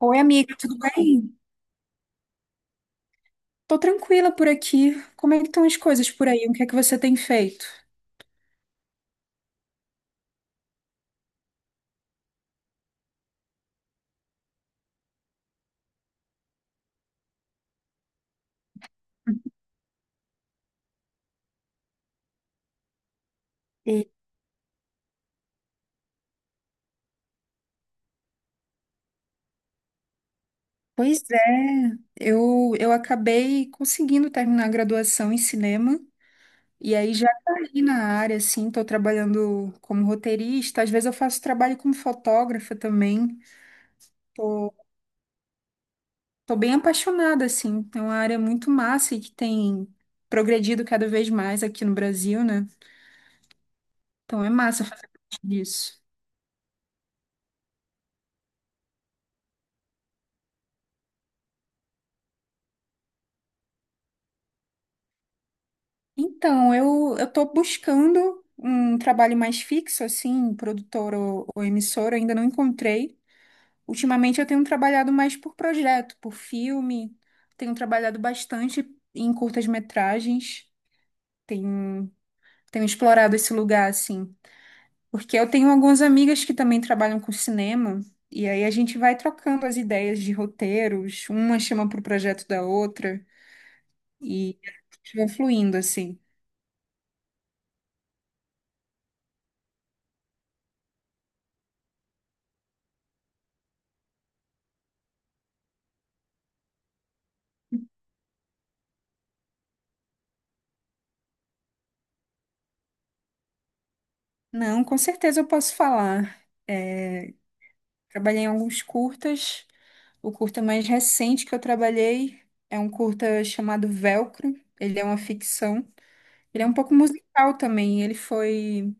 Oi, amigo. Tudo bem? Tô tranquila por aqui. Como é que estão as coisas por aí? O que é que você tem feito? E- Pois é, eu acabei conseguindo terminar a graduação em cinema e aí já caí na área, assim, tô trabalhando como roteirista, às vezes eu faço trabalho como fotógrafa também. Tô, tô bem apaixonada, assim, é uma área muito massa e que tem progredido cada vez mais aqui no Brasil, né? Então é massa fazer parte disso. Então, eu estou buscando um trabalho mais fixo, assim, produtor ou emissora, ainda não encontrei. Ultimamente eu tenho trabalhado mais por projeto, por filme, tenho trabalhado bastante em curtas-metragens, tenho, tenho explorado esse lugar, assim, porque eu tenho algumas amigas que também trabalham com cinema, e aí a gente vai trocando as ideias de roteiros, uma chama para o projeto da outra, e a gente vai fluindo, assim. Não, com certeza eu posso falar. É, trabalhei em alguns curtas. O curta mais recente que eu trabalhei é um curta chamado Velcro. Ele é uma ficção. Ele é um pouco musical também.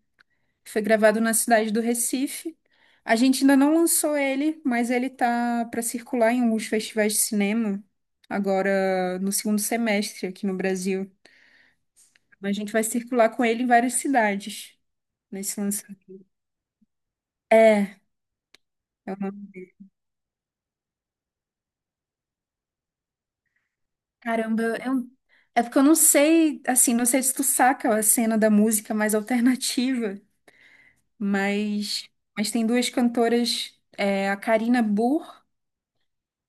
Foi gravado na cidade do Recife. A gente ainda não lançou ele, mas ele tá para circular em alguns festivais de cinema agora no segundo semestre aqui no Brasil. A gente vai circular com ele em várias cidades nesse lançamento. É. é uma Caramba, é porque eu não sei, assim, não sei se tu saca a cena da música mais alternativa, mas, mas tem duas cantoras, é, a Karina Burr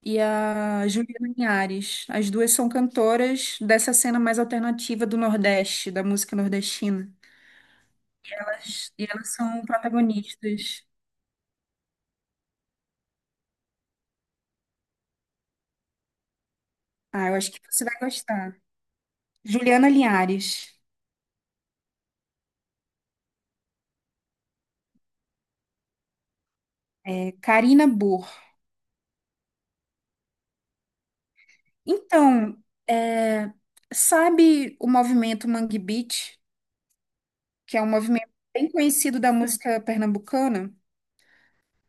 e a Juliana Linhares. As duas são cantoras dessa cena mais alternativa do Nordeste, da música nordestina. E elas são protagonistas. Ah, eu acho que você vai gostar. Juliana Linhares, é, Karina Burr. Então, é, sabe o movimento Mangue Beat? Que é um movimento bem conhecido da música pernambucana.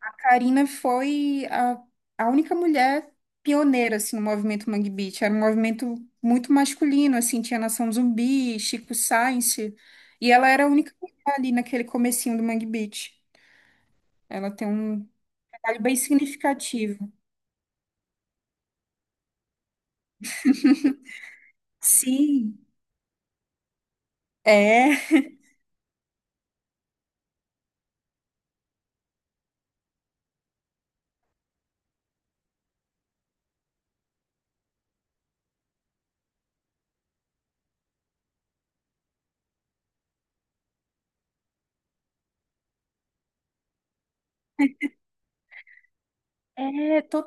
A Karina foi a única mulher pioneira assim, no movimento Mangue Beat. Era um movimento muito masculino, assim, tinha Nação Zumbi, Chico Science, e ela era a única mulher ali naquele comecinho do Mangue Beat. Ela tem um trabalho bem significativo. Sim, é. É,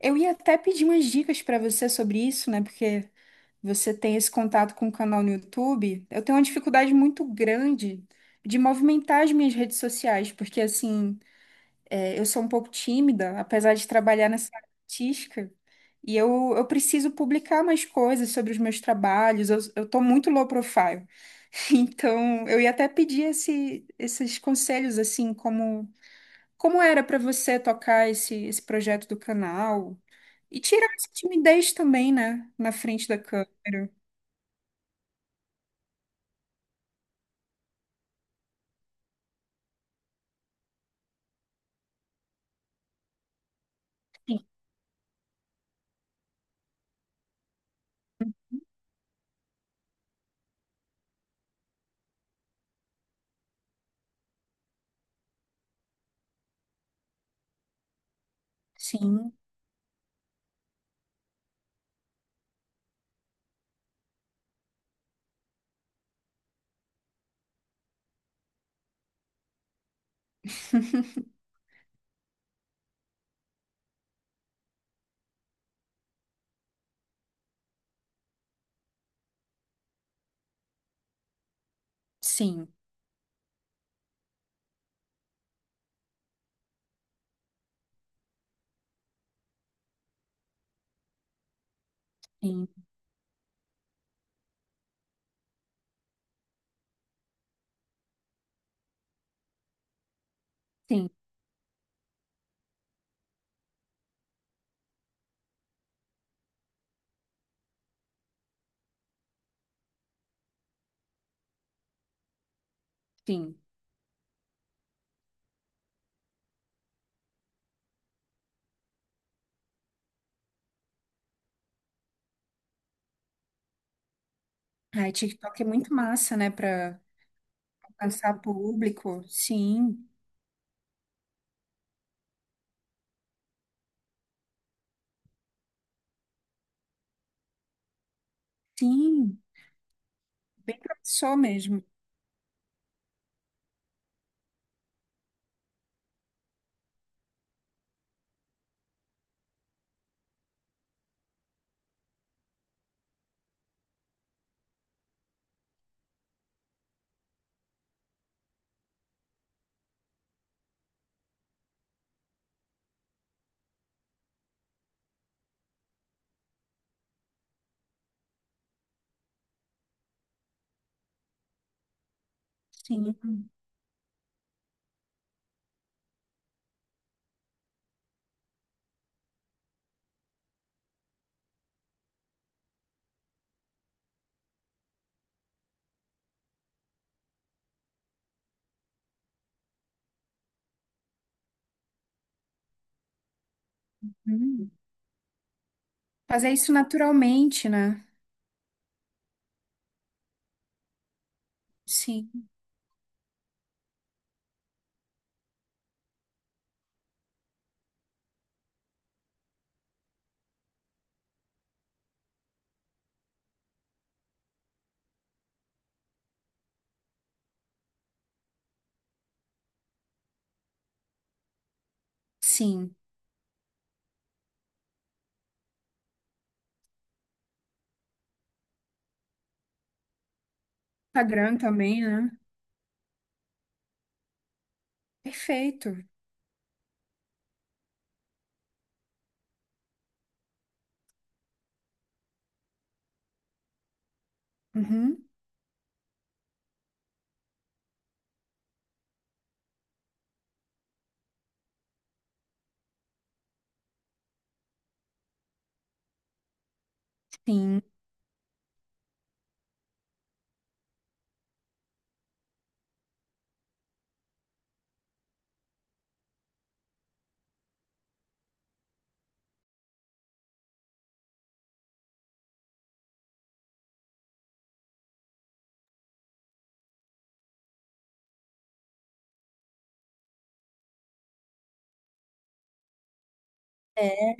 eu ia até pedir umas dicas para você sobre isso, né? Porque você tem esse contato com o canal no YouTube, eu tenho uma dificuldade muito grande de movimentar as minhas redes sociais, porque assim, é, eu sou um pouco tímida, apesar de trabalhar nessa área artística, e eu preciso publicar mais coisas sobre os meus trabalhos, eu tô muito low profile. Então, eu ia até pedir esses conselhos, assim, como, como era para você tocar esse projeto do canal, e tirar essa timidez também, né, na frente da câmera. Sim, sim, sim, sim, sim. Ai, TikTok é muito massa, né, para alcançar público. Sim, sim, bem promissor mesmo. Sim. Hum. Fazer isso naturalmente, né? Sim, sim. Instagram também, né? Perfeito. Uhum, sim.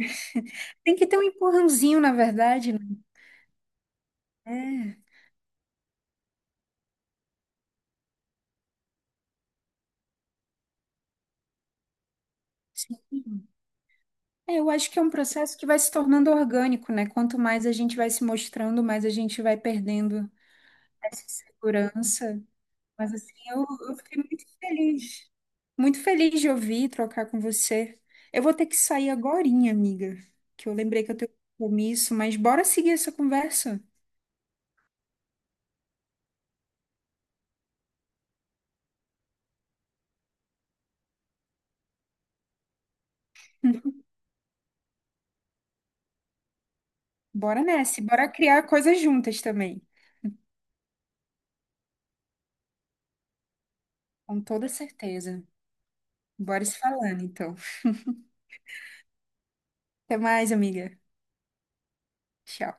Tem que ter um empurrãozinho, na verdade, né? É, sim. É, eu acho que é um processo que vai se tornando orgânico, né? Quanto mais a gente vai se mostrando, mais a gente vai perdendo essa segurança. Mas assim, eu fiquei muito feliz. Muito feliz de ouvir e trocar com você. Eu vou ter que sair agorinha, amiga, que eu lembrei que eu tenho um compromisso, mas bora seguir essa conversa. Bora nessa, e bora criar coisas juntas também. Com toda certeza. Bora se falando, então. Até mais, amiga. Tchau.